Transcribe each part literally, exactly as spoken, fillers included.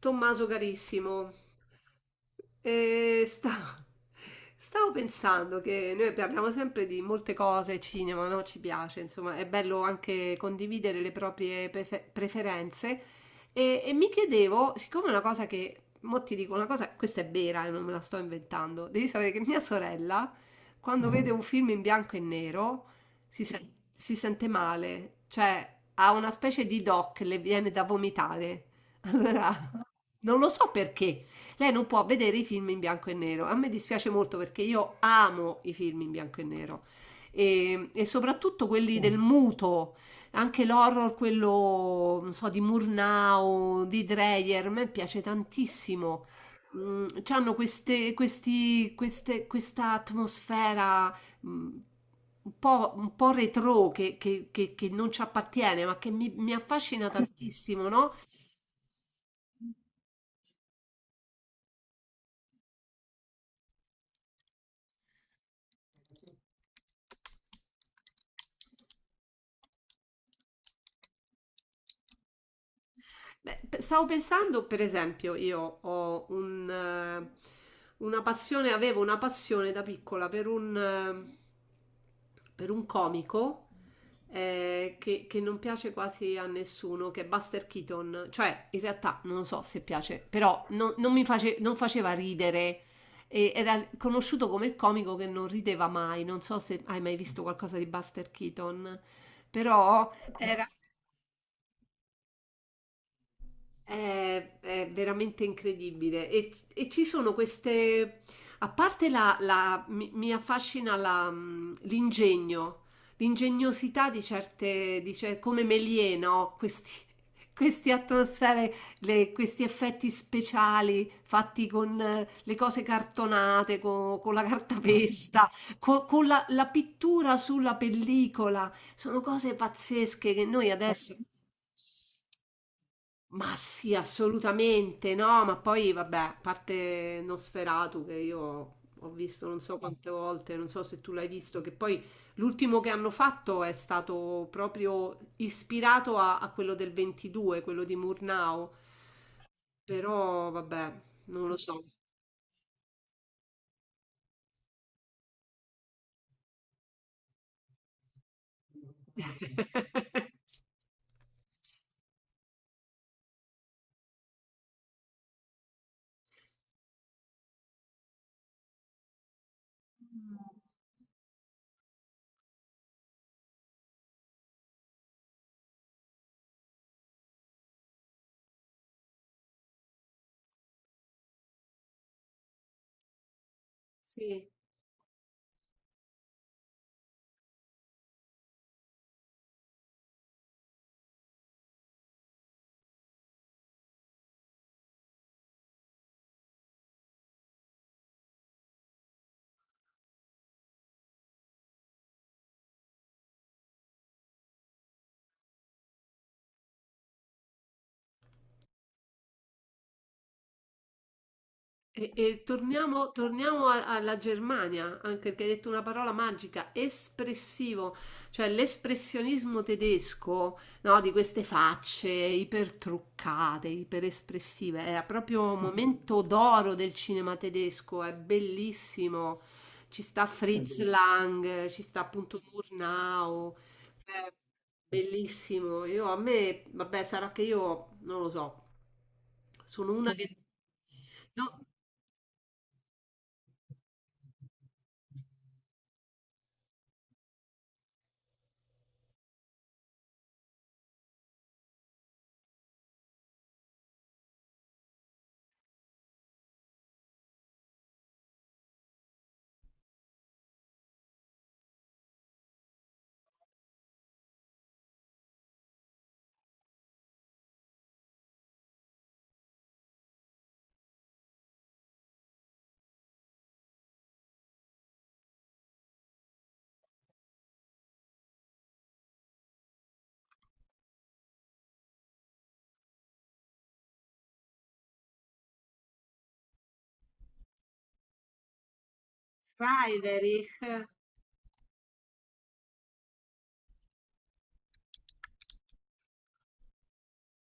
Tommaso carissimo, eh, sta- stavo pensando che noi parliamo sempre di molte cose, cinema, no? Ci piace, insomma, è bello anche condividere le proprie prefe- preferenze e, e mi chiedevo, siccome una cosa che, mo ti dico una cosa, questa è vera e non me la sto inventando, devi sapere che mia sorella, quando Mm. vede un film in bianco e nero, si, sen- si sente male, cioè ha una specie di doc, le viene da vomitare. Allora, non lo so perché. Lei non può vedere i film in bianco e nero. A me dispiace molto perché io amo i film in bianco e nero. E, e soprattutto quelli del muto, anche l'horror, quello, non so, di Murnau, di Dreyer, a me piace tantissimo. Mm, c'hanno queste, questi, queste, questa atmosfera mm, un po', un po' retro che, che- che- che non ci appartiene, ma che mi, mi affascina tantissimo, no? Beh, pe- stavo pensando, per esempio, io ho un, eh, una passione, avevo una passione da piccola per un, eh, per un comico eh, che, che non piace quasi a nessuno, che è Buster Keaton. Cioè, in realtà non lo so se piace, però non, non mi face- non faceva ridere. E era conosciuto come il comico che non rideva mai. Non so se hai mai visto qualcosa di Buster Keaton, però era. È, è veramente incredibile e, e ci sono queste, a parte la, la- mi, mi affascina la, mh, l'ingegno, l'ingegnosità di certe, di cer- come Méliès, no? Questi, queste atmosfere, le- questi effetti speciali fatti con eh, le cose cartonate, co- con, la cartapesta, co- con la la pittura sulla pellicola, sono cose pazzesche che noi adesso. Ma sì, assolutamente no, ma poi vabbè, a parte Nosferatu che io ho visto non so quante volte, non so se tu l'hai visto, che poi l'ultimo che hanno fatto è stato proprio ispirato a, a quello del ventidue, quello di Murnau, però vabbè, non lo so. Sì. E, e torniamo, torniamo a- alla Germania, anche perché hai detto una parola magica, espressivo, cioè l'espressionismo tedesco, no, di queste facce ipertruccate, iperespressive, era proprio un momento d'oro del cinema tedesco, è bellissimo. Ci sta Fritz Lang, ci sta appunto Murnau, è bellissimo. Io a me, vabbè, sarà che io non lo so, sono una che. Rideri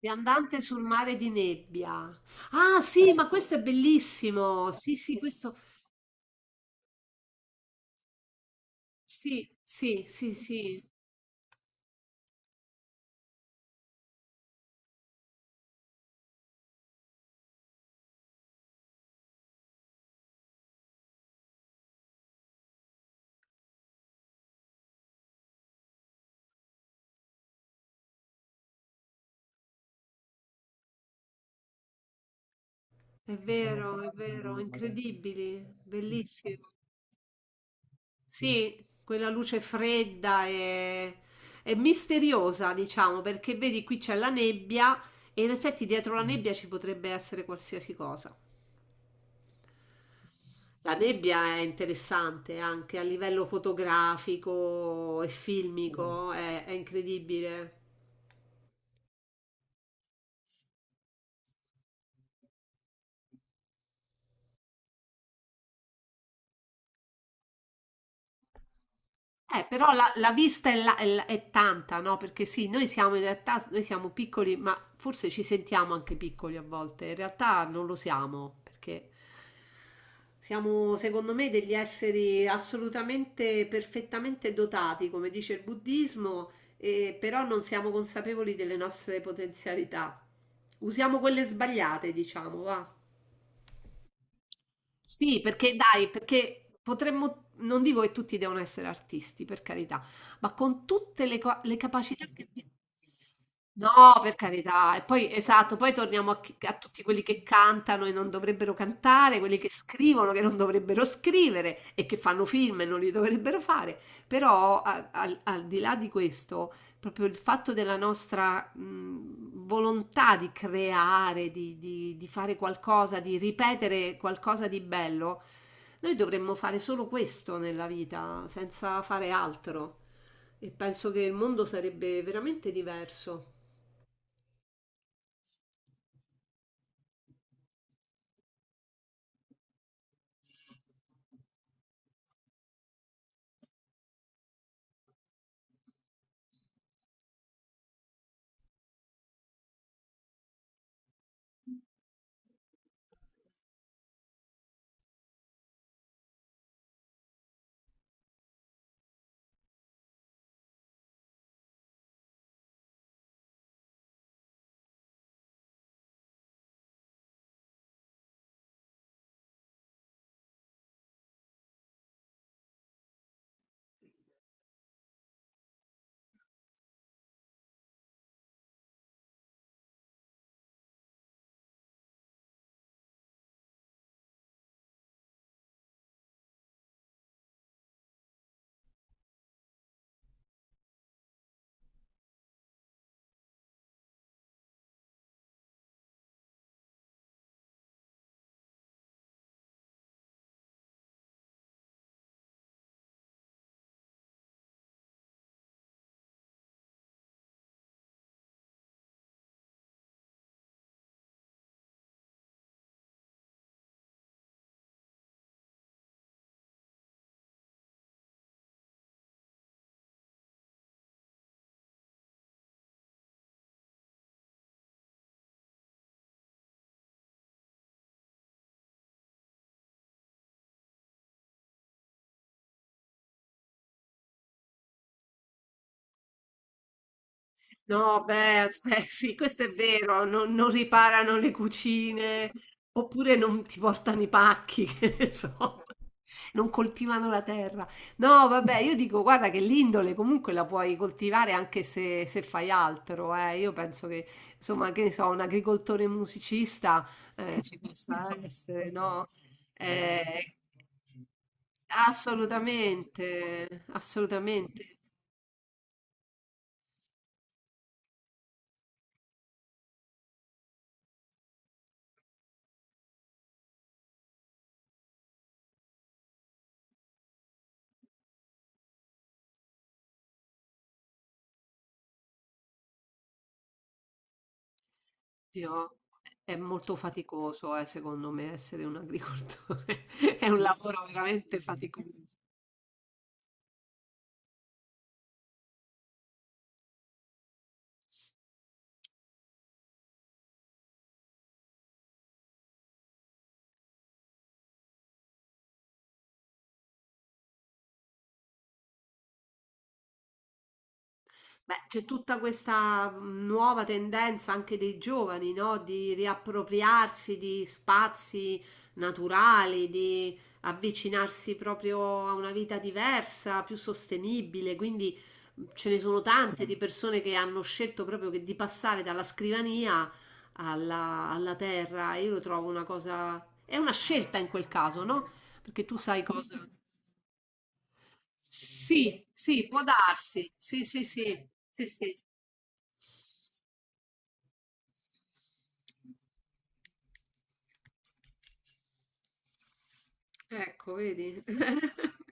viandante sul mare di nebbia. Ah, sì, ma questo è bellissimo. Sì, sì, questo. Sì, sì, sì, sì. È vero, è vero, incredibili, bellissimo. Sì, quella luce fredda e, e misteriosa, diciamo, perché vedi qui c'è la nebbia e in effetti dietro la nebbia ci potrebbe essere qualsiasi cosa. La nebbia è interessante anche a livello fotografico e filmico, è è incredibile. Eh, però la, la vista è, la- è la- è tanta, no? Perché sì, noi siamo in realtà, noi siamo piccoli, ma forse ci sentiamo anche piccoli a volte. In realtà non lo siamo, perché siamo, secondo me, degli esseri assolutamente, perfettamente dotati, come dice il buddismo, e- però non siamo consapevoli delle nostre potenzialità. Usiamo quelle sbagliate, diciamo, va. Sì, perché dai, perché potremmo, non dico che tutti devono essere artisti, per carità, ma con tutte le, co- le capacità che abbiamo. No, per carità. E poi, esatto, poi torniamo a, chi- a tutti quelli che cantano e non dovrebbero cantare, quelli che scrivono che non dovrebbero scrivere e che fanno film e non li dovrebbero fare. Però, a- al al di là di questo proprio il fatto della nostra mh, volontà di creare, di, di- di fare qualcosa, di ripetere qualcosa di bello, noi dovremmo fare solo questo nella vita, senza fare altro. E penso che il mondo sarebbe veramente diverso. No, beh, aspe sì, questo è vero, non non riparano le cucine, oppure non ti portano i pacchi, che ne so, non coltivano la terra. No, vabbè, io dico, guarda che l'indole comunque la puoi coltivare anche se, se fai altro, eh. Io penso che, insomma, che ne so, un agricoltore musicista eh, ci possa essere, no? Eh, assolutamente, assolutamente. Io è è molto faticoso, eh, secondo me, essere un agricoltore. È un lavoro veramente faticoso. Beh, c'è tutta questa mh, nuova tendenza anche dei giovani, no? Di riappropriarsi di spazi naturali, di avvicinarsi proprio a una vita diversa, più sostenibile. Quindi mh, ce ne sono tante di persone che hanno scelto proprio che- di passare dalla scrivania alla, alla terra. Io lo trovo una cosa, è una scelta in quel caso, no? Perché tu sai cosa. Sì, sì, può darsi. Sì, sì, sì. Sì, sì. Ecco, vedi?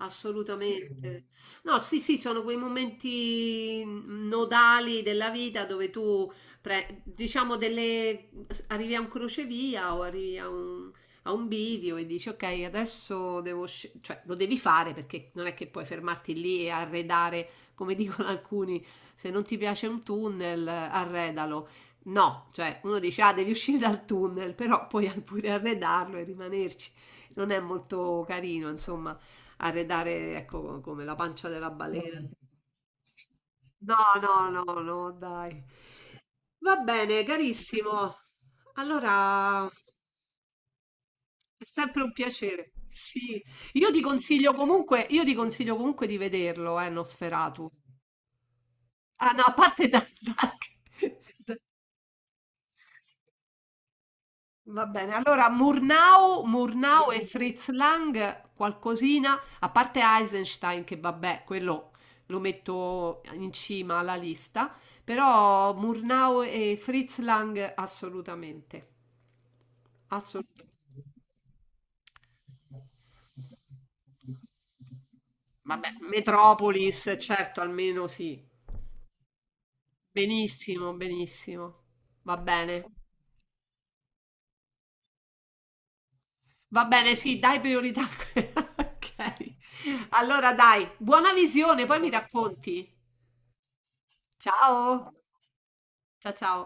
Assolutamente. No, sì, sì, sono quei momenti mm, nodali della vita dove tu, pre- diciamo, delle, arrivi a un crocevia o arrivi a un, a un bivio e dici, ok, adesso devo, sce- cioè lo devi fare perché non è che puoi fermarti lì e arredare, come dicono alcuni, se non ti piace un tunnel, arredalo. No, cioè uno dice, ah, devi uscire dal tunnel, però puoi pure arredarlo e rimanerci. Non è molto carino, insomma arredare, ecco, come la pancia della balena. Mm. No, no, no, no, dai. Va bene, carissimo. Allora, è sempre un piacere. Sì, io ti consiglio comunque, io ti consiglio comunque di vederlo, eh, Nosferatu. Ah no, a parte Dark. Va bene, allora Murnau, Murnau e sì. Fritz Lang, qualcosina, a parte Eisenstein che vabbè, quello lo metto in cima alla lista, però Murnau e Fritz Lang assolutamente, assolutamente. Vabbè, Metropolis, certo, almeno sì. Benissimo, benissimo. Va bene. Va bene, sì, dai priorità. Ok. Allora dai, buona visione, poi mi racconti. Ciao. Ciao ciao.